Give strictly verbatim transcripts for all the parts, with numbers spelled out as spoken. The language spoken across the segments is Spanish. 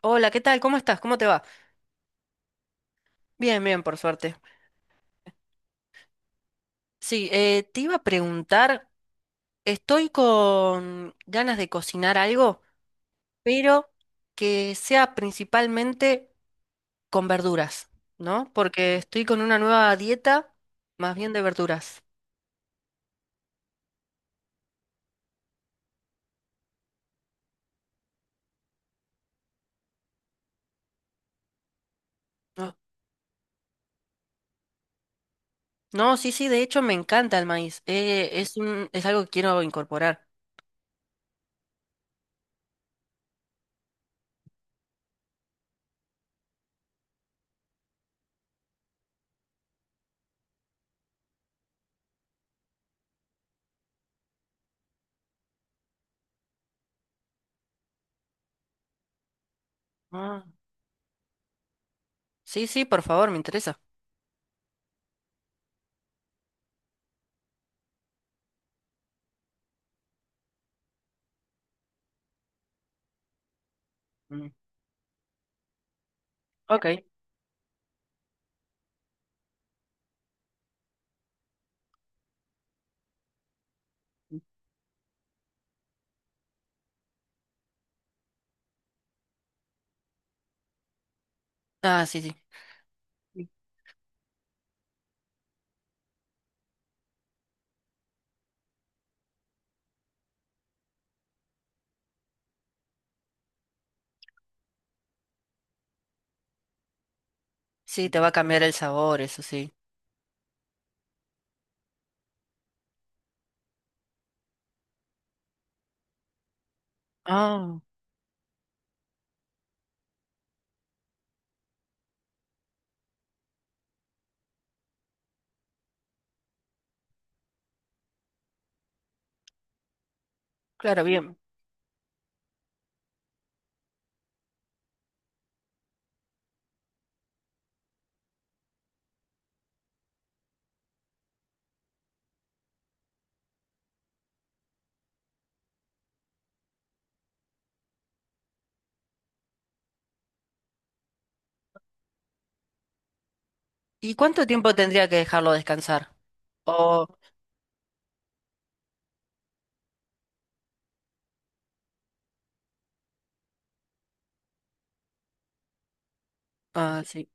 Hola, ¿qué tal? ¿Cómo estás? ¿Cómo te va? Bien, bien, por suerte. Sí, eh, te iba a preguntar, estoy con ganas de cocinar algo, pero que sea principalmente con verduras, ¿no? Porque estoy con una nueva dieta más bien de verduras. No, no, sí, sí, de hecho me encanta el maíz. eh, es un, es algo que quiero incorporar. Ah, sí, sí, por favor, me interesa. Mm, ok. Ah, sí, sí. Sí, te va a cambiar el sabor, eso sí. Ah, claro, bien. ¿Y cuánto tiempo tendría que dejarlo descansar? Oh, ah, sí,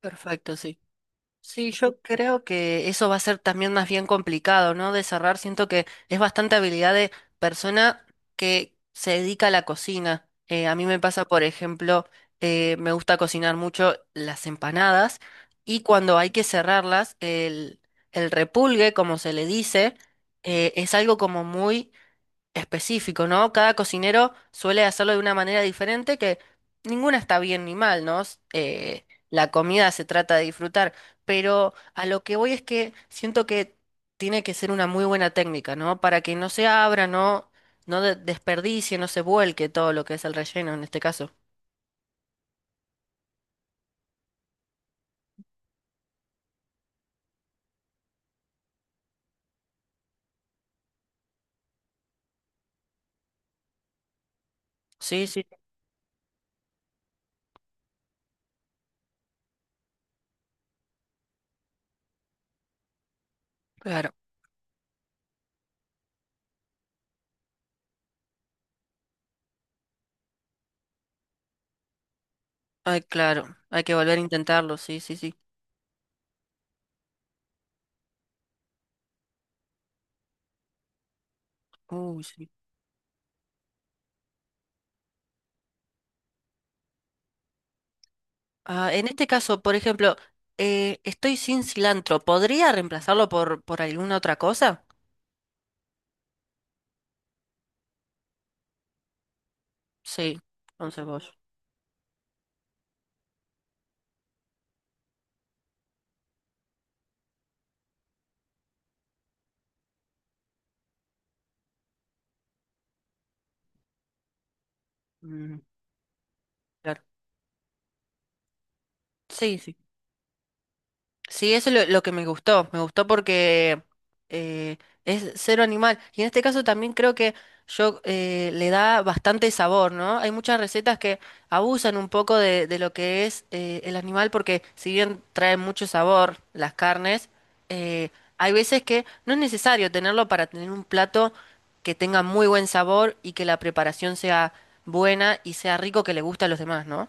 perfecto, sí. Sí, yo creo que eso va a ser también más bien complicado, ¿no? De cerrar, siento que es bastante habilidad de persona que se dedica a la cocina. Eh, a mí me pasa, por ejemplo, eh, me gusta cocinar mucho las empanadas y cuando hay que cerrarlas, el, el repulgue, como se le dice, eh, es algo como muy específico, ¿no? Cada cocinero suele hacerlo de una manera diferente que ninguna está bien ni mal, ¿no? S- eh, la comida se trata de disfrutar, pero a lo que voy es que siento que tiene que ser una muy buena técnica, ¿no? Para que no se abra, no, no de- desperdicie, no se vuelque todo lo que es el relleno en este caso. Sí, sí, claro. Ay, claro. Hay que volver a intentarlo, sí, sí, sí. Uy, sí. Ah, en este caso, por ejemplo, eh, estoy sin cilantro. ¿Podría reemplazarlo por, por alguna otra cosa? Sí, con cebolla. Mm, claro. Sí, sí. Sí, eso es lo, lo que me gustó. Me gustó porque eh, es cero animal. Y en este caso también creo que yo eh, le da bastante sabor, ¿no? Hay muchas recetas que abusan un poco de, de lo que es eh, el animal porque si bien traen mucho sabor las carnes, eh, hay veces que no es necesario tenerlo para tener un plato que tenga muy buen sabor y que la preparación sea buena y sea rico que le guste a los demás, ¿no?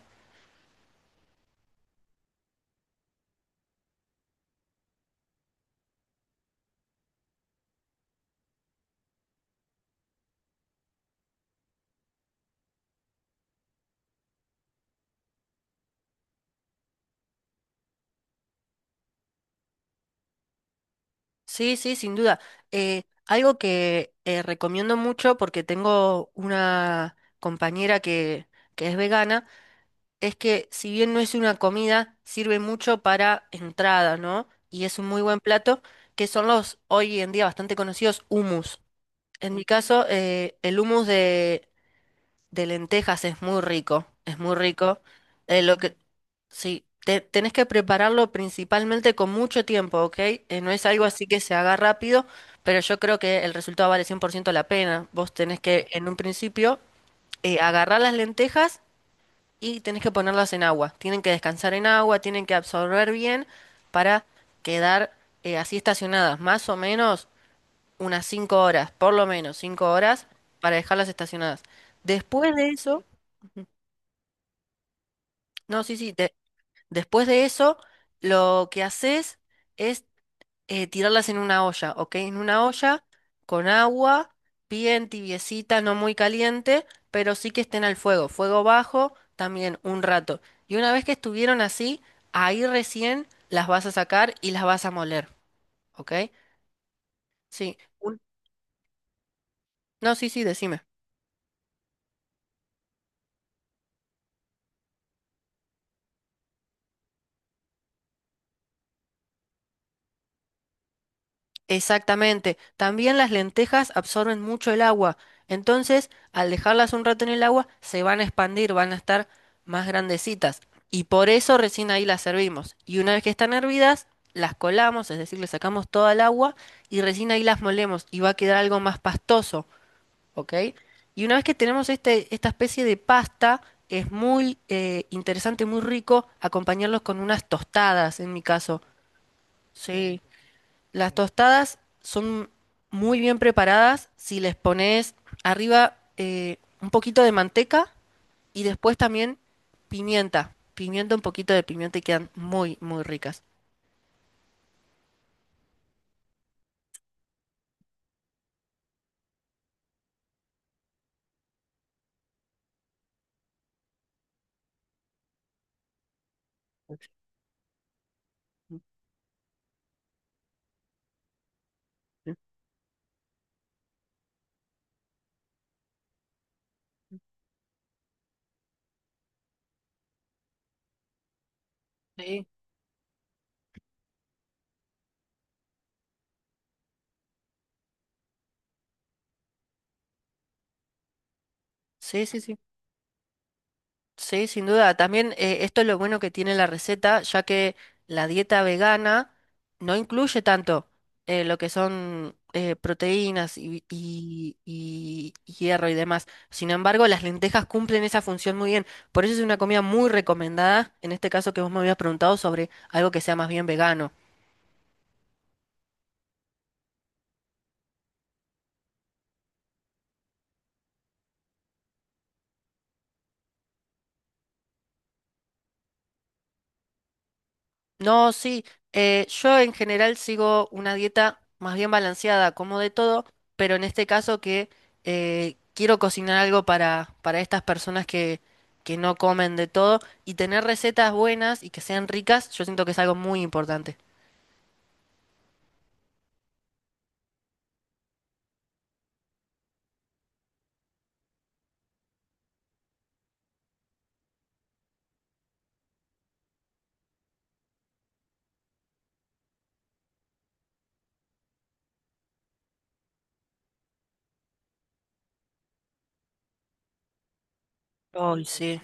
Sí, sí, sin duda. Eh, algo que eh, recomiendo mucho porque tengo una compañera que, que es vegana, es que si bien no es una comida, sirve mucho para entrada, ¿no? Y es un muy buen plato, que son los hoy en día bastante conocidos hummus. En mi caso, eh, el hummus de lentejas es muy rico, es muy rico. Eh, lo que, sí, te- tenés que prepararlo principalmente con mucho tiempo, ¿ok? Eh, no es algo así que se haga rápido, pero yo creo que el resultado vale cien por ciento la pena. Vos tenés que, en un principio, eh, agarrar las lentejas y tenés que ponerlas en agua. Tienen que descansar en agua, tienen que absorber bien para quedar eh, así estacionadas, más o menos unas cinco horas, por lo menos cinco horas para dejarlas estacionadas. Después de eso. No, sí, sí. de- después de eso, lo que haces es eh, tirarlas en una olla, ¿ok? En una olla con agua, bien tibiecita, no muy caliente, pero sí que estén al fuego, fuego bajo, también un rato. Y una vez que estuvieron así, ahí recién las vas a sacar y las vas a moler, ¿ok? Sí. un- No, sí, sí, decime. Exactamente. También las lentejas absorben mucho el agua. Entonces, al dejarlas un rato en el agua, se van a expandir, van a estar más grandecitas. Y por eso recién ahí las servimos. Y una vez que están hervidas, las colamos, es decir, le sacamos toda el agua y recién ahí las molemos y va a quedar algo más pastoso, ¿ok? Y una vez que tenemos este, esta especie de pasta, es muy eh, interesante, muy rico acompañarlos con unas tostadas, en mi caso. Sí. Las tostadas son muy bien preparadas si les pones arriba eh, un poquito de manteca y después también pimienta. Pimienta, un poquito de pimienta y quedan muy, muy ricas. Sí. Sí, sí, sí. Sí, sin duda. También eh, esto es lo bueno que tiene la receta, ya que la dieta vegana no incluye tanto eh, lo que son eh, proteínas y, vi- y- y- y hierro y demás. Sin embargo, las lentejas cumplen esa función muy bien. Por eso es una comida muy recomendada, en este caso que vos me habías preguntado sobre algo que sea más bien vegano. No, sí, eh, yo en general sigo una dieta más bien balanceada, como de todo, pero en este caso que eh, quiero cocinar algo para, para, estas personas que, que no comen de todo y tener recetas buenas y que sean ricas, yo siento que es algo muy importante. Ay, sí,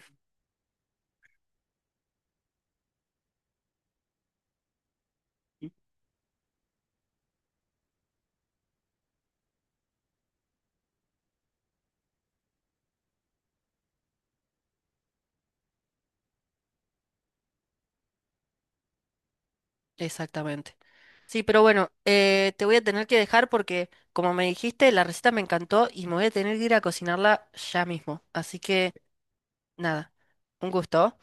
exactamente. Sí, pero bueno, eh, te voy a tener que dejar porque, como me dijiste, la receta me encantó y me voy a tener que ir a cocinarla ya mismo. Así que, nada, un gusto.